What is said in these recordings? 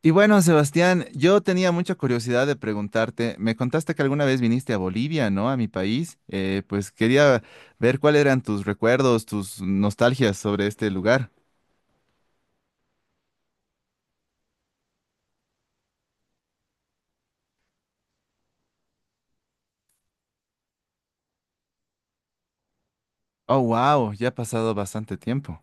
Y bueno, Sebastián, yo tenía mucha curiosidad de preguntarte, me contaste que alguna vez viniste a Bolivia, ¿no? A mi país. Pues quería ver cuáles eran tus recuerdos, tus nostalgias sobre este lugar. Oh, wow, ya ha pasado bastante tiempo.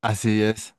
Así es.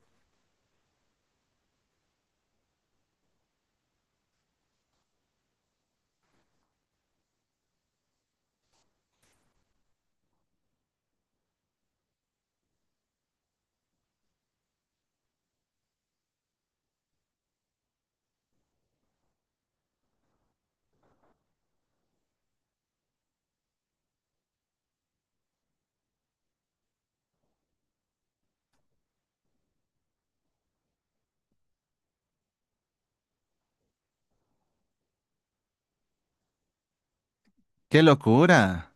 ¡Qué locura!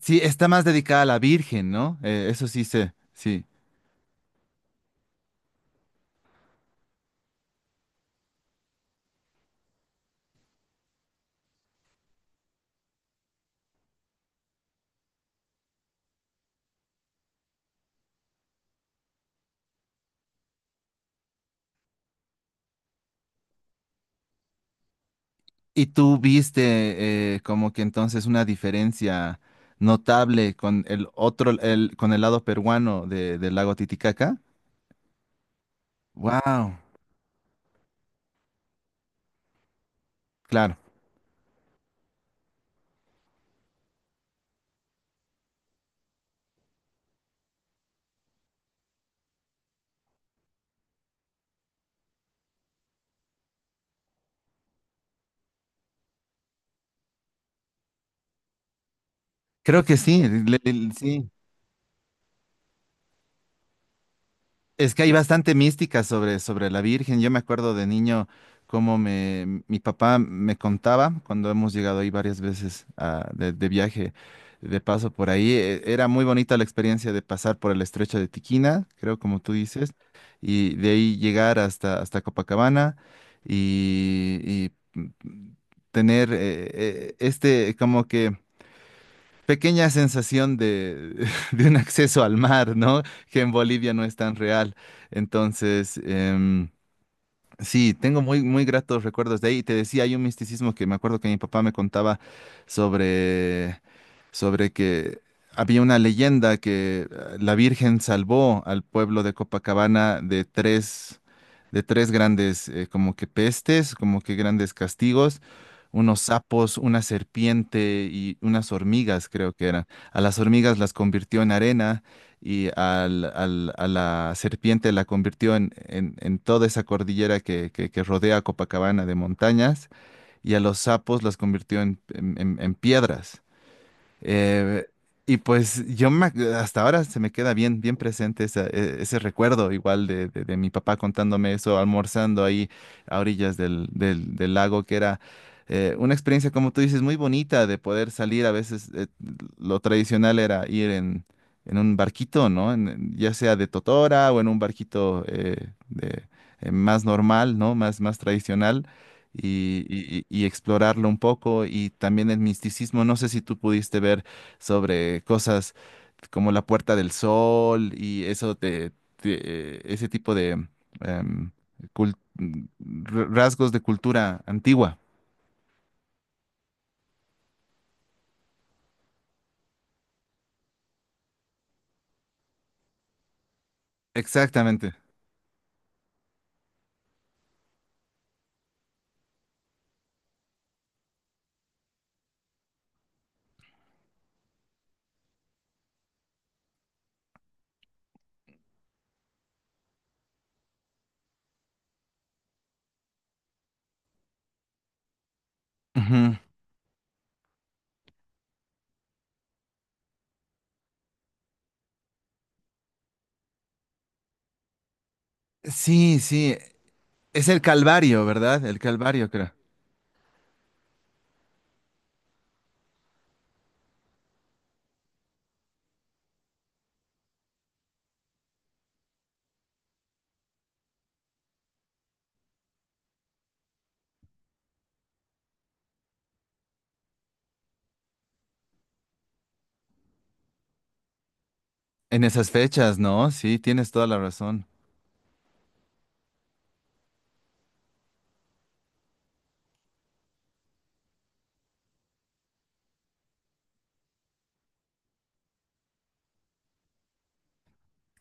Sí, está más dedicada a la Virgen, ¿no? Eso sí sé, sí. ¿Y tú viste como que entonces una diferencia notable con el otro, con el lado peruano del lago Titicaca? Wow. Claro, creo que sí, sí. Es que hay bastante mística sobre la Virgen. Yo me acuerdo de niño cómo mi papá me contaba cuando hemos llegado ahí varias veces de viaje, de paso por ahí. Era muy bonita la experiencia de pasar por el estrecho de Tiquina, creo como tú dices, y de ahí llegar hasta Copacabana y, y, mm, tener este como que pequeña sensación de, de un acceso al mar, ¿no? Que en Bolivia no es tan real. Entonces, sí, tengo muy, muy gratos recuerdos de ahí. Te decía, hay un misticismo que me acuerdo que mi papá me contaba sobre, sobre que había una leyenda que la Virgen salvó al pueblo de Copacabana de tres grandes, como que pestes, como que grandes castigos, unos sapos, una serpiente y unas hormigas, creo que eran. A las hormigas las convirtió en arena y a la serpiente la convirtió en, en toda esa cordillera que rodea a Copacabana de montañas y a los sapos las convirtió en, en piedras. Eh, y pues yo hasta ahora se me queda bien, bien presente ese recuerdo igual de mi papá contándome eso, almorzando ahí a orillas del lago, que era una experiencia, como tú dices, muy bonita de poder salir. A veces lo tradicional era ir en un barquito, ¿no? Ya sea de totora o en un barquito de, más normal, ¿no? Más, más tradicional y, y explorarlo un poco y también el misticismo. No sé si tú pudiste ver sobre cosas como la Puerta del Sol y eso ese tipo de em, rasgos de cultura antigua. Exactamente. Ujú. Sí, sí, es el Calvario, ¿verdad? El Calvario, creo. En esas fechas, ¿no? Sí, tienes toda la razón.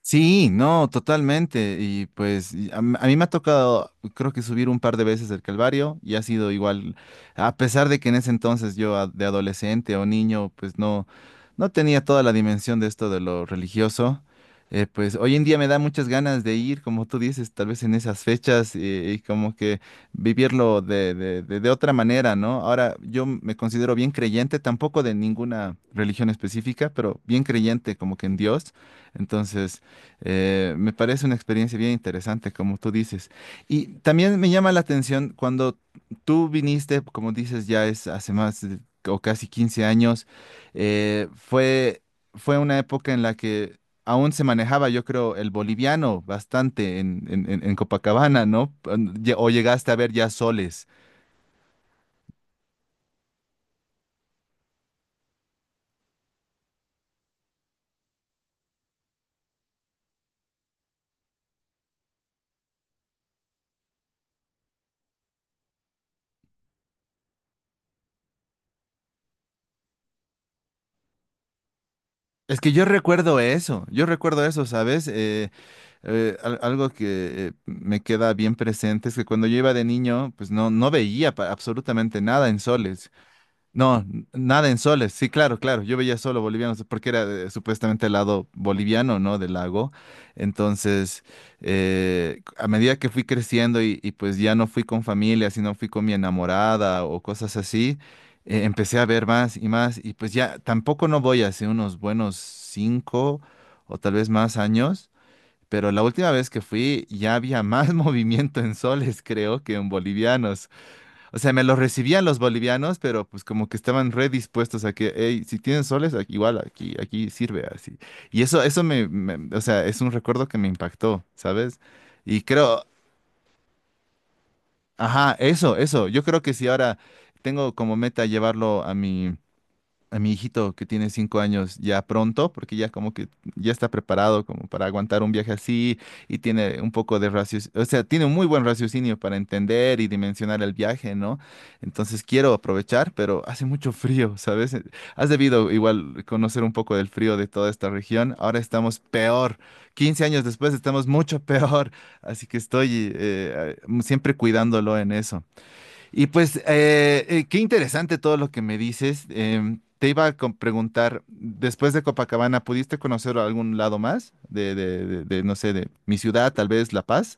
Sí, no, totalmente. Y pues a mí me ha tocado, creo que subir un par de veces el Calvario y ha sido igual, a pesar de que en ese entonces yo de adolescente o niño, pues no, no tenía toda la dimensión de esto de lo religioso. Pues hoy en día me da muchas ganas de ir, como tú dices, tal vez en esas fechas y, como que vivirlo de otra manera, ¿no? Ahora yo me considero bien creyente, tampoco de ninguna religión específica, pero bien creyente como que en Dios. Entonces. Me parece una experiencia bien interesante, como tú dices. Y también me llama la atención cuando tú viniste, como dices, ya es hace más o casi 15 años, eh, fue, fue una época en la que aún se manejaba, yo creo, el boliviano bastante en, en Copacabana, ¿no? O llegaste a ver ya soles. Es que yo recuerdo eso, ¿sabes? Algo que me queda bien presente es que cuando yo iba de niño, pues no, no veía absolutamente nada en soles. No, nada en soles. Sí, claro, claro. Yo veía solo bolivianos porque era supuestamente el lado boliviano, ¿no? Del lago. Entonces, a medida que fui creciendo y, pues ya no fui con familia, sino fui con mi enamorada o cosas así, empecé a ver más y más. Y pues ya tampoco no voy hace unos buenos 5 o tal vez más años. Pero la última vez que fui ya había más movimiento en soles, creo, que en bolivianos. O sea, me los recibían los bolivianos, pero pues como que estaban redispuestos a que, hey, si tienen soles, igual aquí, aquí sirve así. Y eso o sea, es un recuerdo que me impactó, ¿sabes? Y creo. Ajá, eso, eso. Yo creo que si ahora tengo como meta llevarlo a mi hijito que tiene 5 años ya pronto, porque ya como que ya está preparado como para aguantar un viaje así y tiene un poco de raciocinio, o sea, tiene un muy buen raciocinio para entender y dimensionar el viaje, ¿no? Entonces quiero aprovechar, pero hace mucho frío, ¿sabes? Has debido igual conocer un poco del frío de toda esta región. Ahora estamos peor. 15 años después estamos mucho peor, así que estoy siempre cuidándolo en eso. Y pues, qué interesante todo lo que me dices. Te iba a preguntar, después de Copacabana, ¿pudiste conocer algún lado más no sé, de mi ciudad, tal vez La Paz?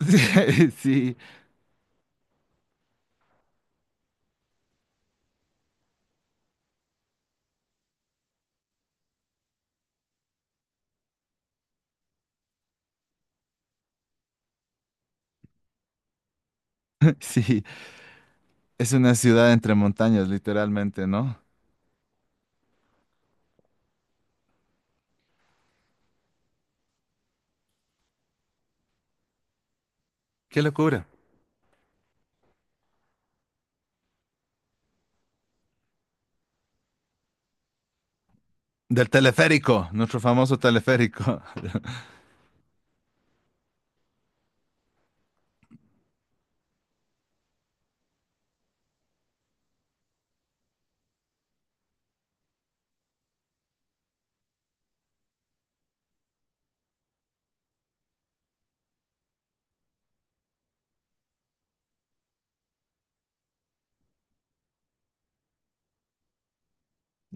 Sí, sí, es una ciudad entre montañas, literalmente, ¿no? Qué locura. Del teleférico, nuestro famoso teleférico.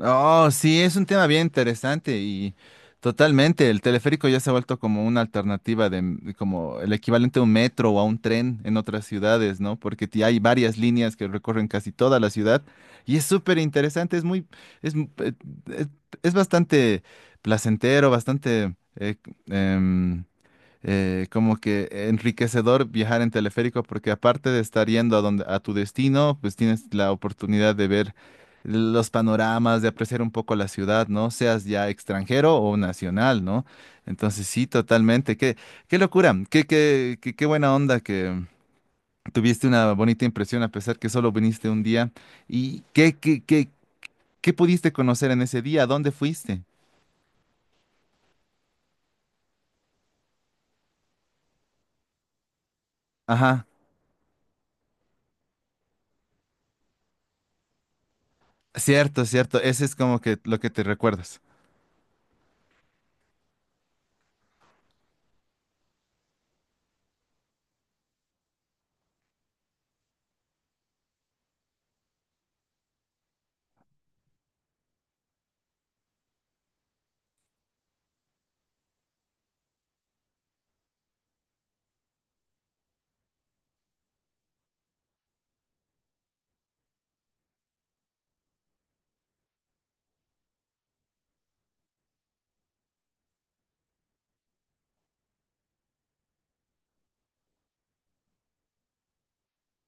Oh, sí, es un tema bien interesante y totalmente. El teleférico ya se ha vuelto como una alternativa como el equivalente a un metro o a un tren en otras ciudades, ¿no? Porque hay varias líneas que recorren casi toda la ciudad y es súper interesante, es muy, es, m- es, es bastante placentero, bastante como que enriquecedor viajar en teleférico porque aparte de estar yendo a donde a tu destino, pues tienes la oportunidad de ver los panoramas, de apreciar un poco la ciudad, ¿no? Seas ya extranjero o nacional, ¿no? Entonces sí, totalmente. Qué locura, qué buena onda que tuviste una bonita impresión a pesar que solo viniste un día. ¿Y qué pudiste conocer en ese día? ¿A dónde fuiste? Ajá, cierto, cierto. Ese es como que lo que te recuerdas.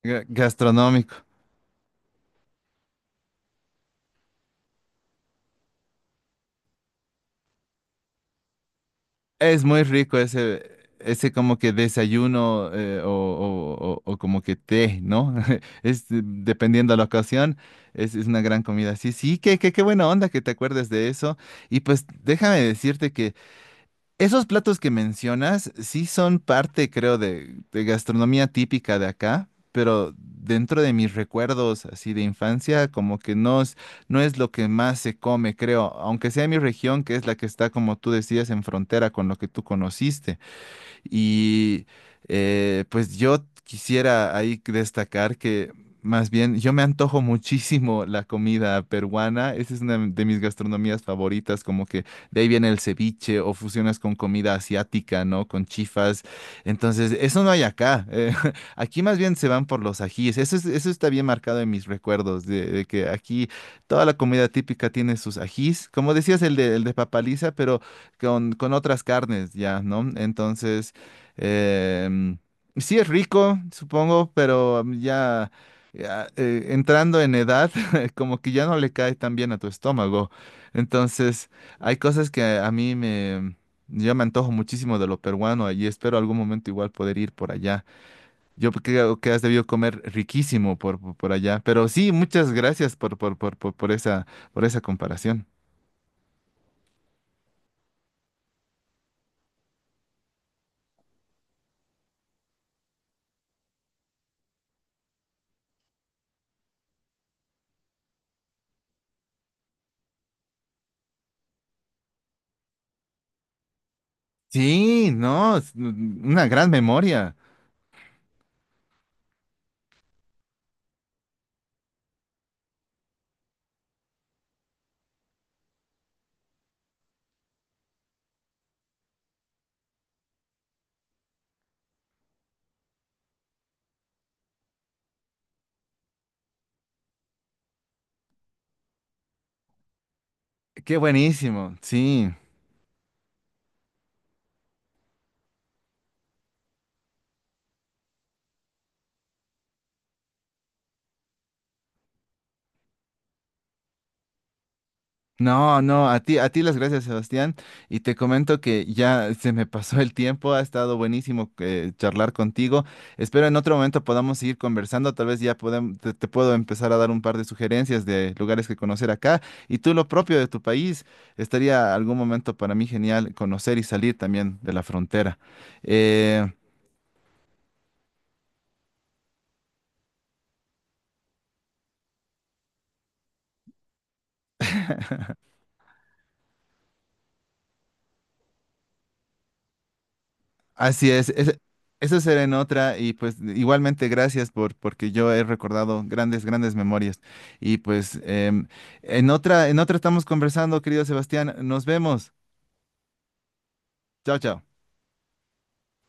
Gastronómico. Es muy rico ese como que desayuno o como que té, ¿no? Es dependiendo de la ocasión, es una gran comida. Sí, sí, qué buena onda que te acuerdes de eso. Y pues déjame decirte que esos platos que mencionas sí son parte, creo, de gastronomía típica de acá, pero dentro de mis recuerdos así de infancia, como que no es lo que más se come, creo, aunque sea mi región, que es la que está, como tú decías, en frontera con lo que tú conociste. Y pues yo quisiera ahí destacar que más bien yo me antojo muchísimo la comida peruana. Esa es una de mis gastronomías favoritas, como que de ahí viene el ceviche o fusionas con comida asiática, ¿no? Con chifas. Entonces, eso no hay acá. Aquí más bien se van por los ajíes. Eso está bien marcado en mis recuerdos, de que aquí toda la comida típica tiene sus ajís. Como decías, el de papaliza, pero con otras carnes, ya, ¿no? Entonces. Em, sí es rico, supongo, pero ya, ya, entrando en edad, como que ya no le cae tan bien a tu estómago. Entonces, hay cosas que a mí me. Yo me antojo muchísimo de lo peruano y espero algún momento igual poder ir por allá. Yo creo que has debido comer riquísimo por allá. Pero sí, muchas gracias por esa comparación. Sí, no, es una gran memoria. Qué buenísimo, sí. No, no, a ti las gracias, Sebastián. Y te comento que ya se me pasó el tiempo, ha estado buenísimo charlar contigo. Espero en otro momento podamos seguir conversando, tal vez ya te puedo empezar a dar un par de sugerencias de lugares que conocer acá. Y tú lo propio de tu país, estaría algún momento para mí genial conocer y salir también de la frontera. Eh, Así es, eso será en otra y pues igualmente gracias porque yo he recordado grandes, grandes memorias. Y pues en otra estamos conversando, querido Sebastián. Nos vemos. Chao, chao.